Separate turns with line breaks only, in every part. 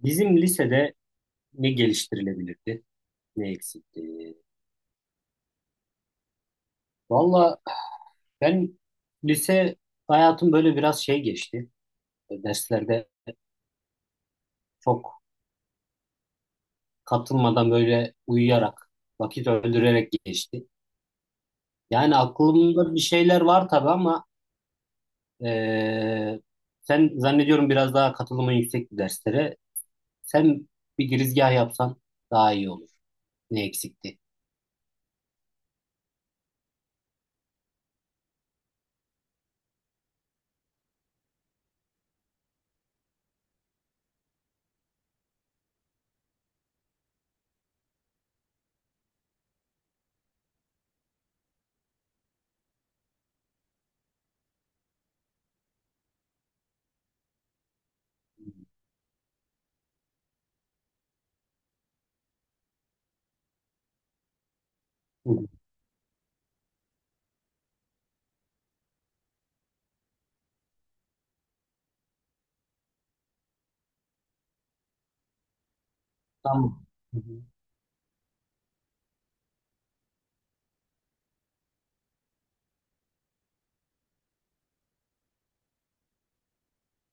Bizim lisede ne geliştirilebilirdi, ne eksikti? Valla ben lise hayatım böyle biraz şey geçti. Derslerde çok katılmadan böyle uyuyarak, vakit öldürerek geçti. Yani aklımda bir şeyler var tabii ama eee, sen zannediyorum biraz daha katılımın yüksek bir derslere. Sen bir girizgah yapsan daha iyi olur. Ne eksikti? Hı. Tamam. Hı hı.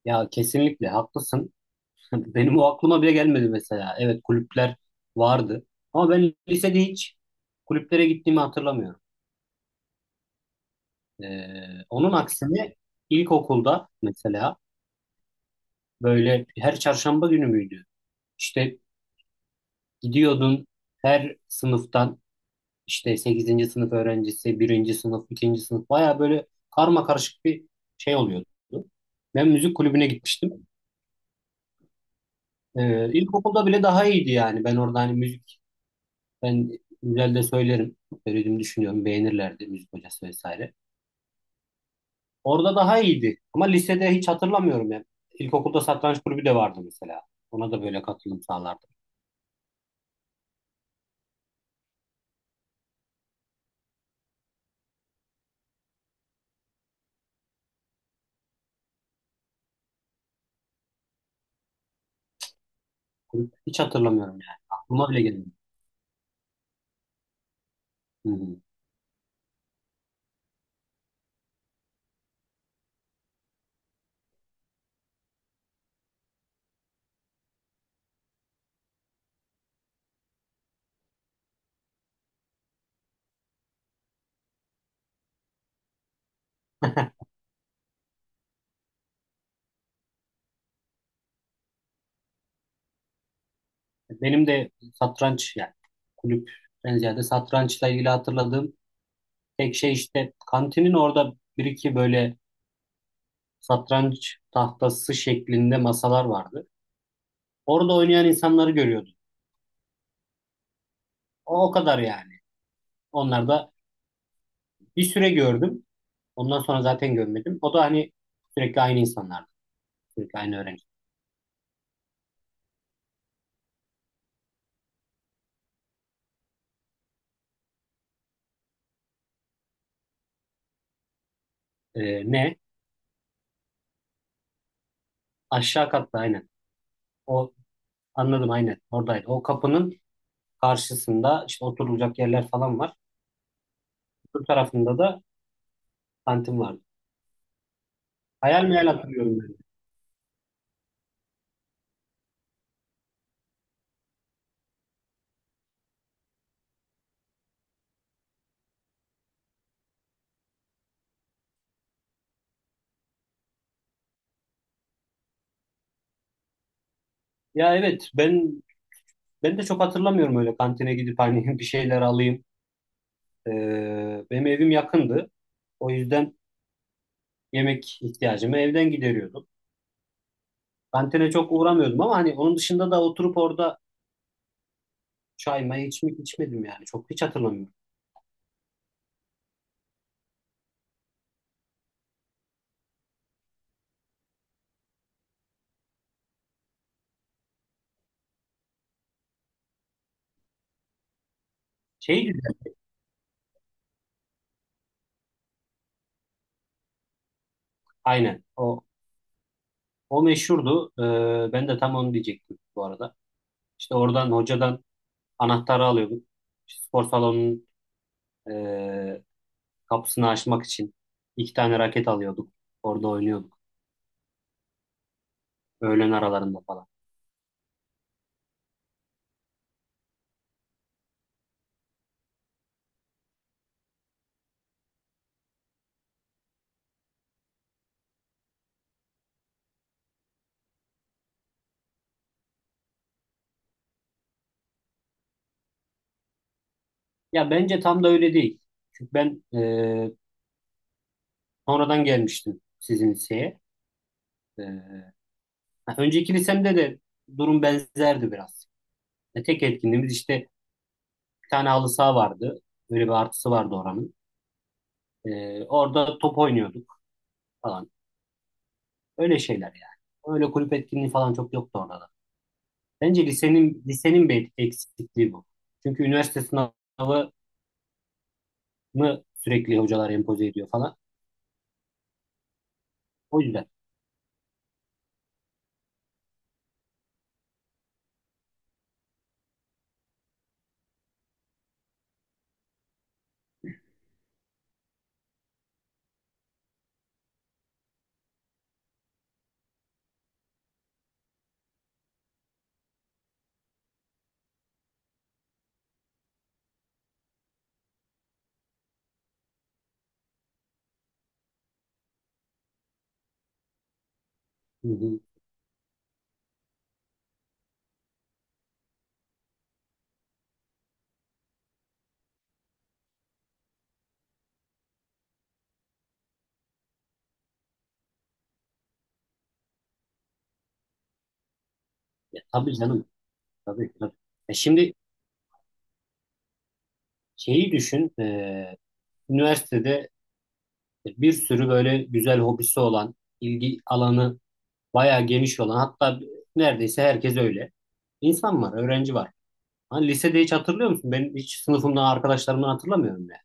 Ya kesinlikle haklısın. Benim o aklıma bile gelmedi mesela. Evet, kulüpler vardı. Ama ben lisede hiç kulüplere gittiğimi hatırlamıyorum. Onun aksine ilkokulda mesela böyle her çarşamba günü müydü? İşte gidiyordun, her sınıftan işte sekizinci sınıf öğrencisi, birinci sınıf, ikinci sınıf baya böyle karma karışık bir şey oluyordu. Ben müzik kulübüne gitmiştim. İlkokulda bile daha iyiydi yani. Ben orada hani müzik Ben güzel de söylerim. Söylediğimi düşünüyorum. Beğenirlerdi müzik hocası vesaire. Orada daha iyiydi. Ama lisede hiç hatırlamıyorum ya. İlkokulda satranç kulübü de vardı mesela. Ona da böyle katılım sağlardım. Hiç hatırlamıyorum yani. Aklıma bile gelmiyor. Hı hı. Benim de satranç, yani kulüpten ziyade satrançla ilgili hatırladığım tek şey, işte kantinin orada bir iki böyle satranç tahtası şeklinde masalar vardı. Orada oynayan insanları görüyordum. O kadar yani. Onlar da Bir süre gördüm. Ondan sonra zaten görmedim. O da hani sürekli aynı insanlardı. Sürekli aynı öğrenci. Ne? Aşağı katta aynen. O, anladım aynen. Oradaydı. O kapının karşısında işte oturulacak yerler falan var. Öbür tarafında da kantin vardı. Hayal meyal hatırlıyorum ben. Ya evet, ben de çok hatırlamıyorum öyle kantine gidip hani bir şeyler alayım. Benim evim yakındı. O yüzden yemek ihtiyacımı evden gideriyordum. Kantine çok uğramıyordum ama hani onun dışında da oturup orada çay may hiç mi içmedim yani. Çok, hiç hatırlamıyorum. Şey güzel. Aynen. O meşhurdu. Ben de tam onu diyecektim bu arada. İşte oradan hocadan anahtarı alıyorduk. İşte spor salonunun ee, kapısını açmak için iki tane raket alıyorduk. Orada oynuyorduk. Öğlen aralarında falan. Ya bence tam da öyle değil. Çünkü ben sonradan gelmiştim sizin liseye. Ee, ha, Önceki lisemde de durum benzerdi biraz. Tek etkinliğimiz işte bir tane halı saha vardı. Böyle bir artısı vardı oranın. Orada top oynuyorduk falan. Öyle şeyler yani. Öyle kulüp etkinliği falan çok yoktu orada da. Bence lisenin bir eksikliği bu. Çünkü üniversite sınavını sürekli hocalar empoze ediyor falan. O yüzden. Hı hı. Ya, tabii canım. Tabii, tabii. Şimdi şeyi düşün. Üniversitede bir sürü böyle güzel hobisi olan, ilgi alanı bayağı geniş olan, hatta neredeyse herkes öyle. İnsan var, öğrenci var. Hani lisede hiç hatırlıyor musun? Ben hiç sınıfımdan arkadaşlarımdan hatırlamıyorum ya.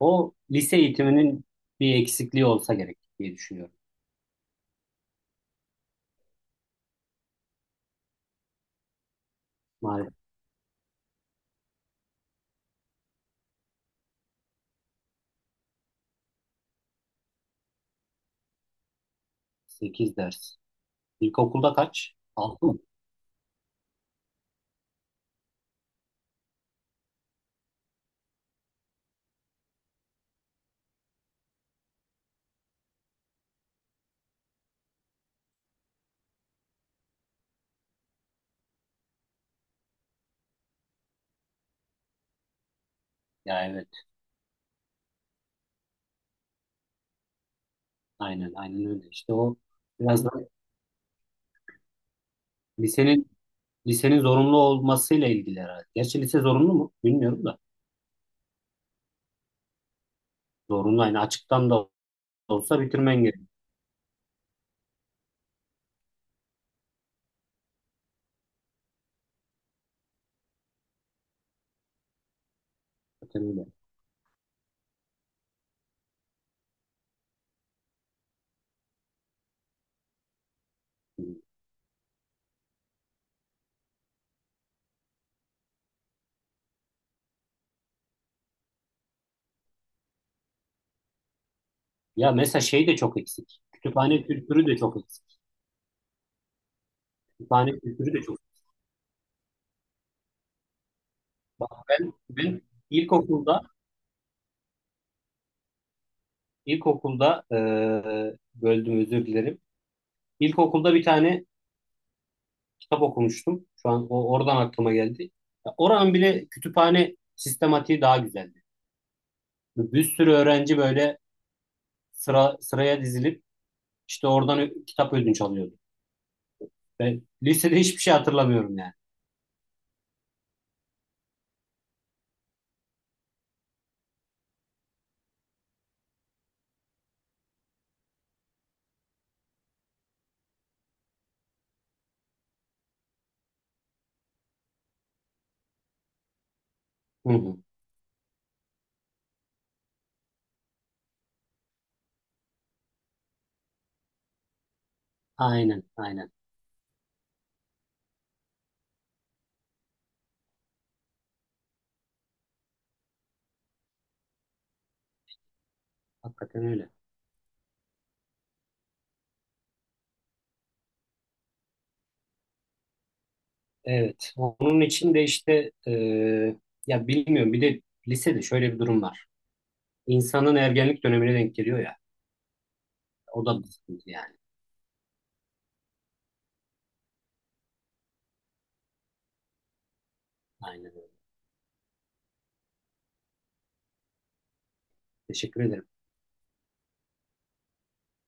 O lise eğitiminin bir eksikliği olsa gerek diye düşünüyorum. Maalesef sekiz ders. İlkokulda kaç? 6 mı? Ya evet. Aynen, aynen öyle. İşte o biraz da lisenin lisenin zorunlu olmasıyla ilgili herhalde. Gerçi lise zorunlu mu? Bilmiyorum da. Zorunlu, yani açıktan da olsa bitirmen gerekiyor. Zaten öyle. Ya mesela şey de çok eksik. Kütüphane kültürü de çok eksik. Kütüphane kültürü de çok eksik. Bak, ben ilkokulda İlkokulda, böldüm, özür dilerim. İlkokulda bir tane kitap okumuştum. Şu an o oradan aklıma geldi. Ya oranın bile kütüphane sistematiği daha güzeldi. Bir sürü öğrenci böyle sıra sıraya dizilip işte oradan kitap ödünç alıyordu. Ben lisede hiçbir şey hatırlamıyorum yani. Hı hı. Aynen, aynen. Hakikaten öyle. Evet. Onun için de işte ya bilmiyorum. Bir de lisede şöyle bir durum var. İnsanın ergenlik dönemine denk geliyor ya. O da bir sıkıntı yani. Aynen öyle. Teşekkür ederim.